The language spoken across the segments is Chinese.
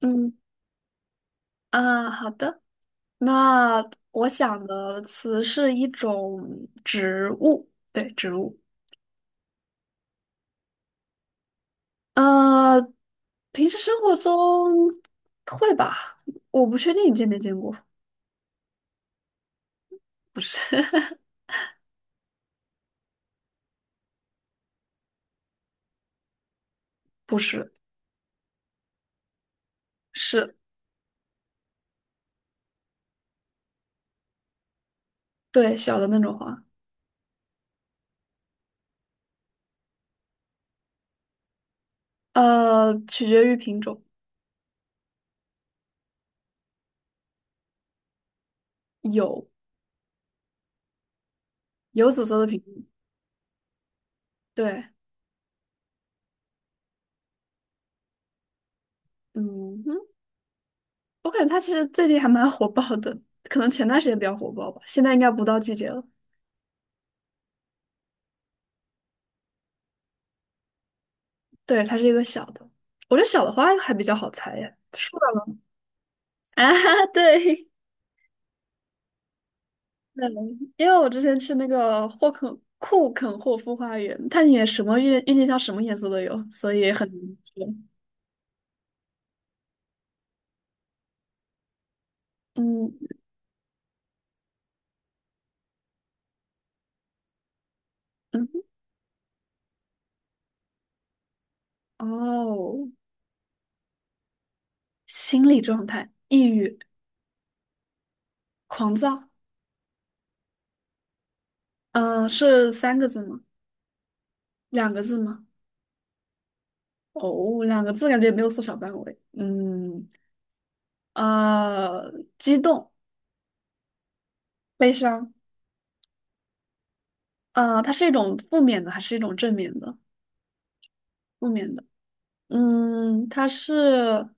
嗯啊，好的。那我想的词是一种植物，对，植物。呃，平时生活中会吧？我不确定你见没见过，不是，不是，是，对，小的那种花。取决于品种，有有紫色的品种，对，嗯哼，我感觉它其实最近还蛮火爆的，可能前段时间比较火爆吧，现在应该不到季节了。对，它是一个小的，我觉得小的花还比较好猜呀。树的吗？啊，对，嗯，因为我之前去那个库肯霍夫花园，它里面什么郁金香什么颜色都有，所以很难说。嗯嗯，哦，心理状态，抑郁、狂躁，嗯、是三个字吗？两个字吗？哦，两个字感觉也没有缩小范围。嗯，呃，激动、悲伤，呃，它是一种负面的还是一种正面的？负面的，嗯，它是，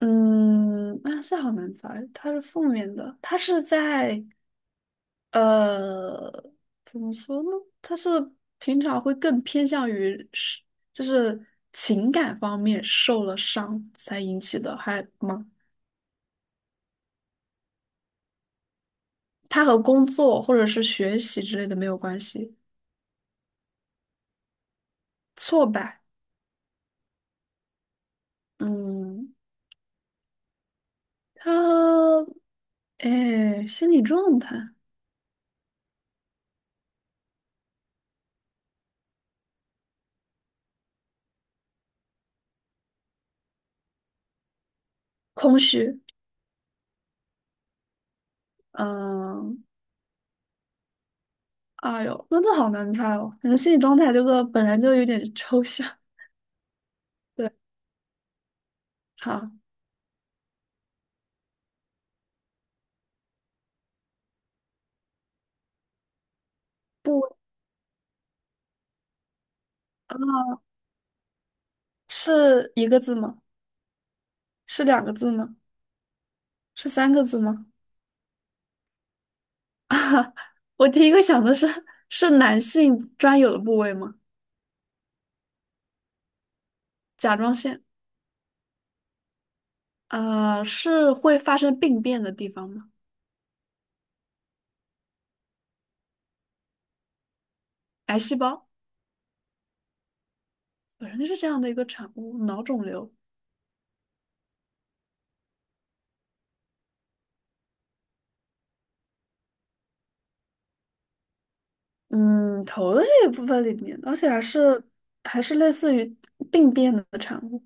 嗯，啊，这好难猜，它是负面的，它是在，呃，怎么说呢？它是平常会更偏向于是，就是情感方面受了伤才引起的还吗？它和工作或者是学习之类的没有关系。挫败，嗯，它，哎，心理状态，空虚，嗯。哎呦，那这好难猜哦，感觉心理状态这个本来就有点抽象。对，好，不，啊，是一个字吗？是两个字吗？是三个字吗？我第一个想的是，是男性专有的部位吗？甲状腺，啊，是会发生病变的地方吗？癌细胞本身就是这样的一个产物，脑肿瘤，嗯，头的这一部分里面，而且还是类似于病变的产物，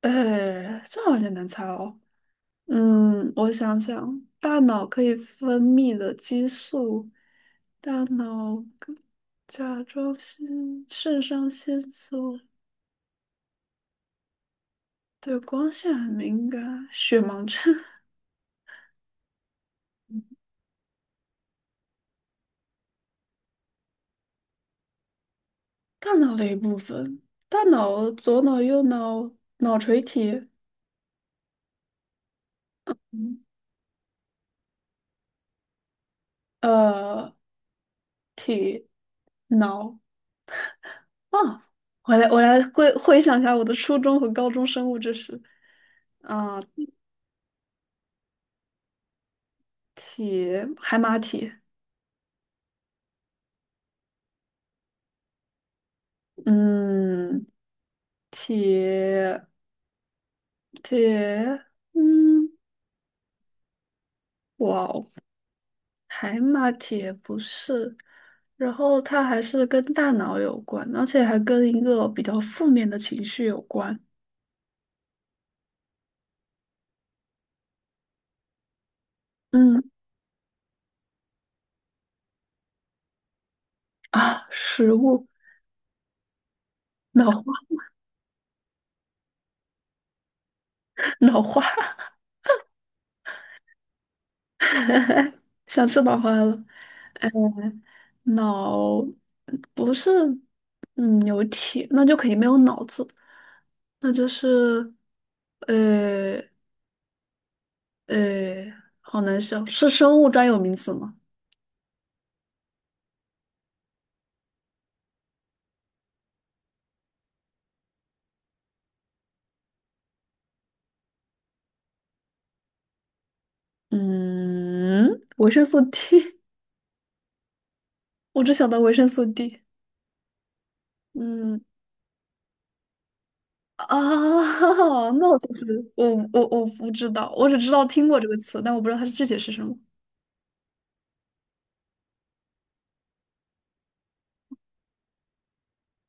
呃，这好像有点难猜哦。嗯，我想想，大脑可以分泌的激素，大脑跟甲状腺、肾上腺素对光线很敏感，血盲症，大脑的一部分，大脑、左脑、右脑、脑垂体，嗯呃，体脑啊，我来回想一下我的初中和高中生物知识，啊、体海马体。嗯，体铁，嗯，哇哦，海马铁不是，然后它还是跟大脑有关，而且还跟一个比较负面的情绪有关。嗯啊，食物，脑花，脑花，想吃脑花了。脑不是，嗯，有铁，那就肯定没有脑子，那就是，呃呃，好难想，是生物专有名词吗？嗯，维生素 T 我只想到维生素 D。嗯啊，那我就是我我我不知道，我只知道听过这个词，但我不知道它是具体是什么。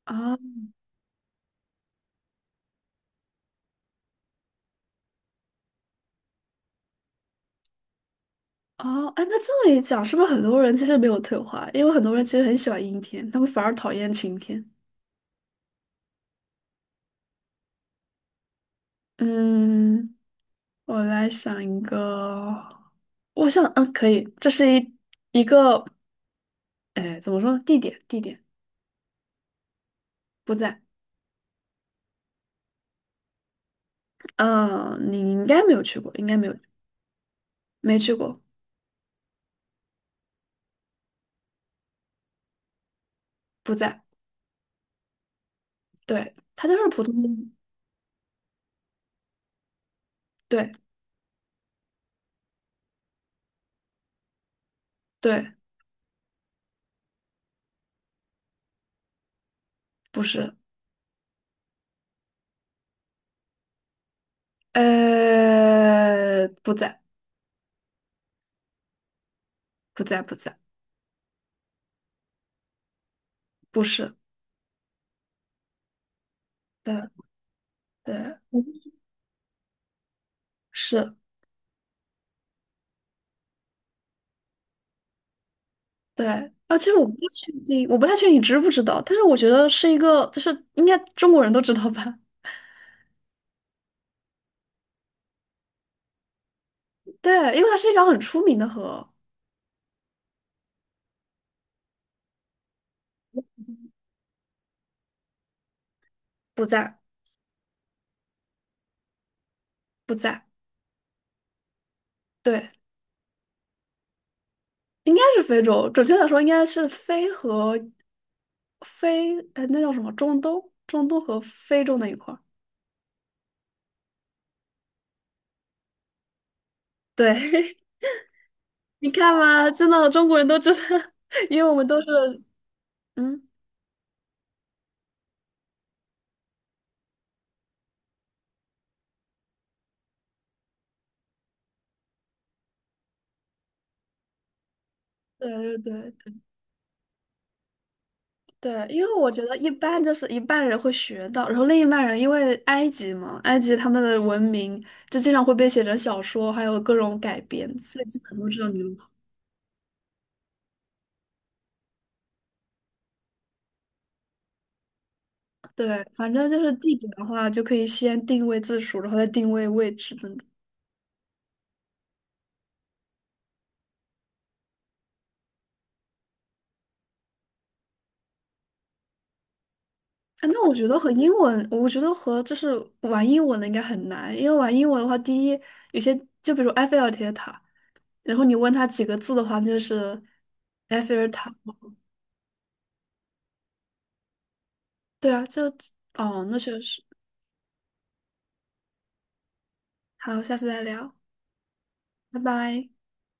啊啊，哎，那这么一讲，是不是很多人其实没有退化？因为很多人其实很喜欢阴天，他们反而讨厌晴天。嗯，我来想一个，我想，嗯，可以，这是一一个，哎，怎么说呢？地点，地点不在。嗯，你应该没有去过，应该没有，没去过，不在。对，它就是普通的，对，对，不是，呃，不在，不在，不在，不是，对，对，嗯是，对，啊，其实我不太确定，我不太确定你知不知道，但是我觉得是一个，就是应该中国人都知道吧？对，因为它是一条很出名的河，不在，不在，对，应该是非洲，准确的说应该是非和非，呃，那叫什么？中东，中东和非洲那一块儿。对，你看嘛，真的中国人都知道，因为我们都是。嗯。对对对对，因为我觉得一般就是一半人会学到，然后另一半人因为埃及嘛，埃及他们的文明就经常会被写成小说，还有各种改编，所以基本都知道你。对，反正就是地址的话，就可以先定位字数，然后再定位位置那种。哎，那我觉得和英文，我觉得和就是玩英文的应该很难，因为玩英文的话，有些就比如埃菲尔铁塔，然后你问他几个字的话，就是埃菲尔塔。对啊，就哦，那确实。好，下次再聊，拜拜。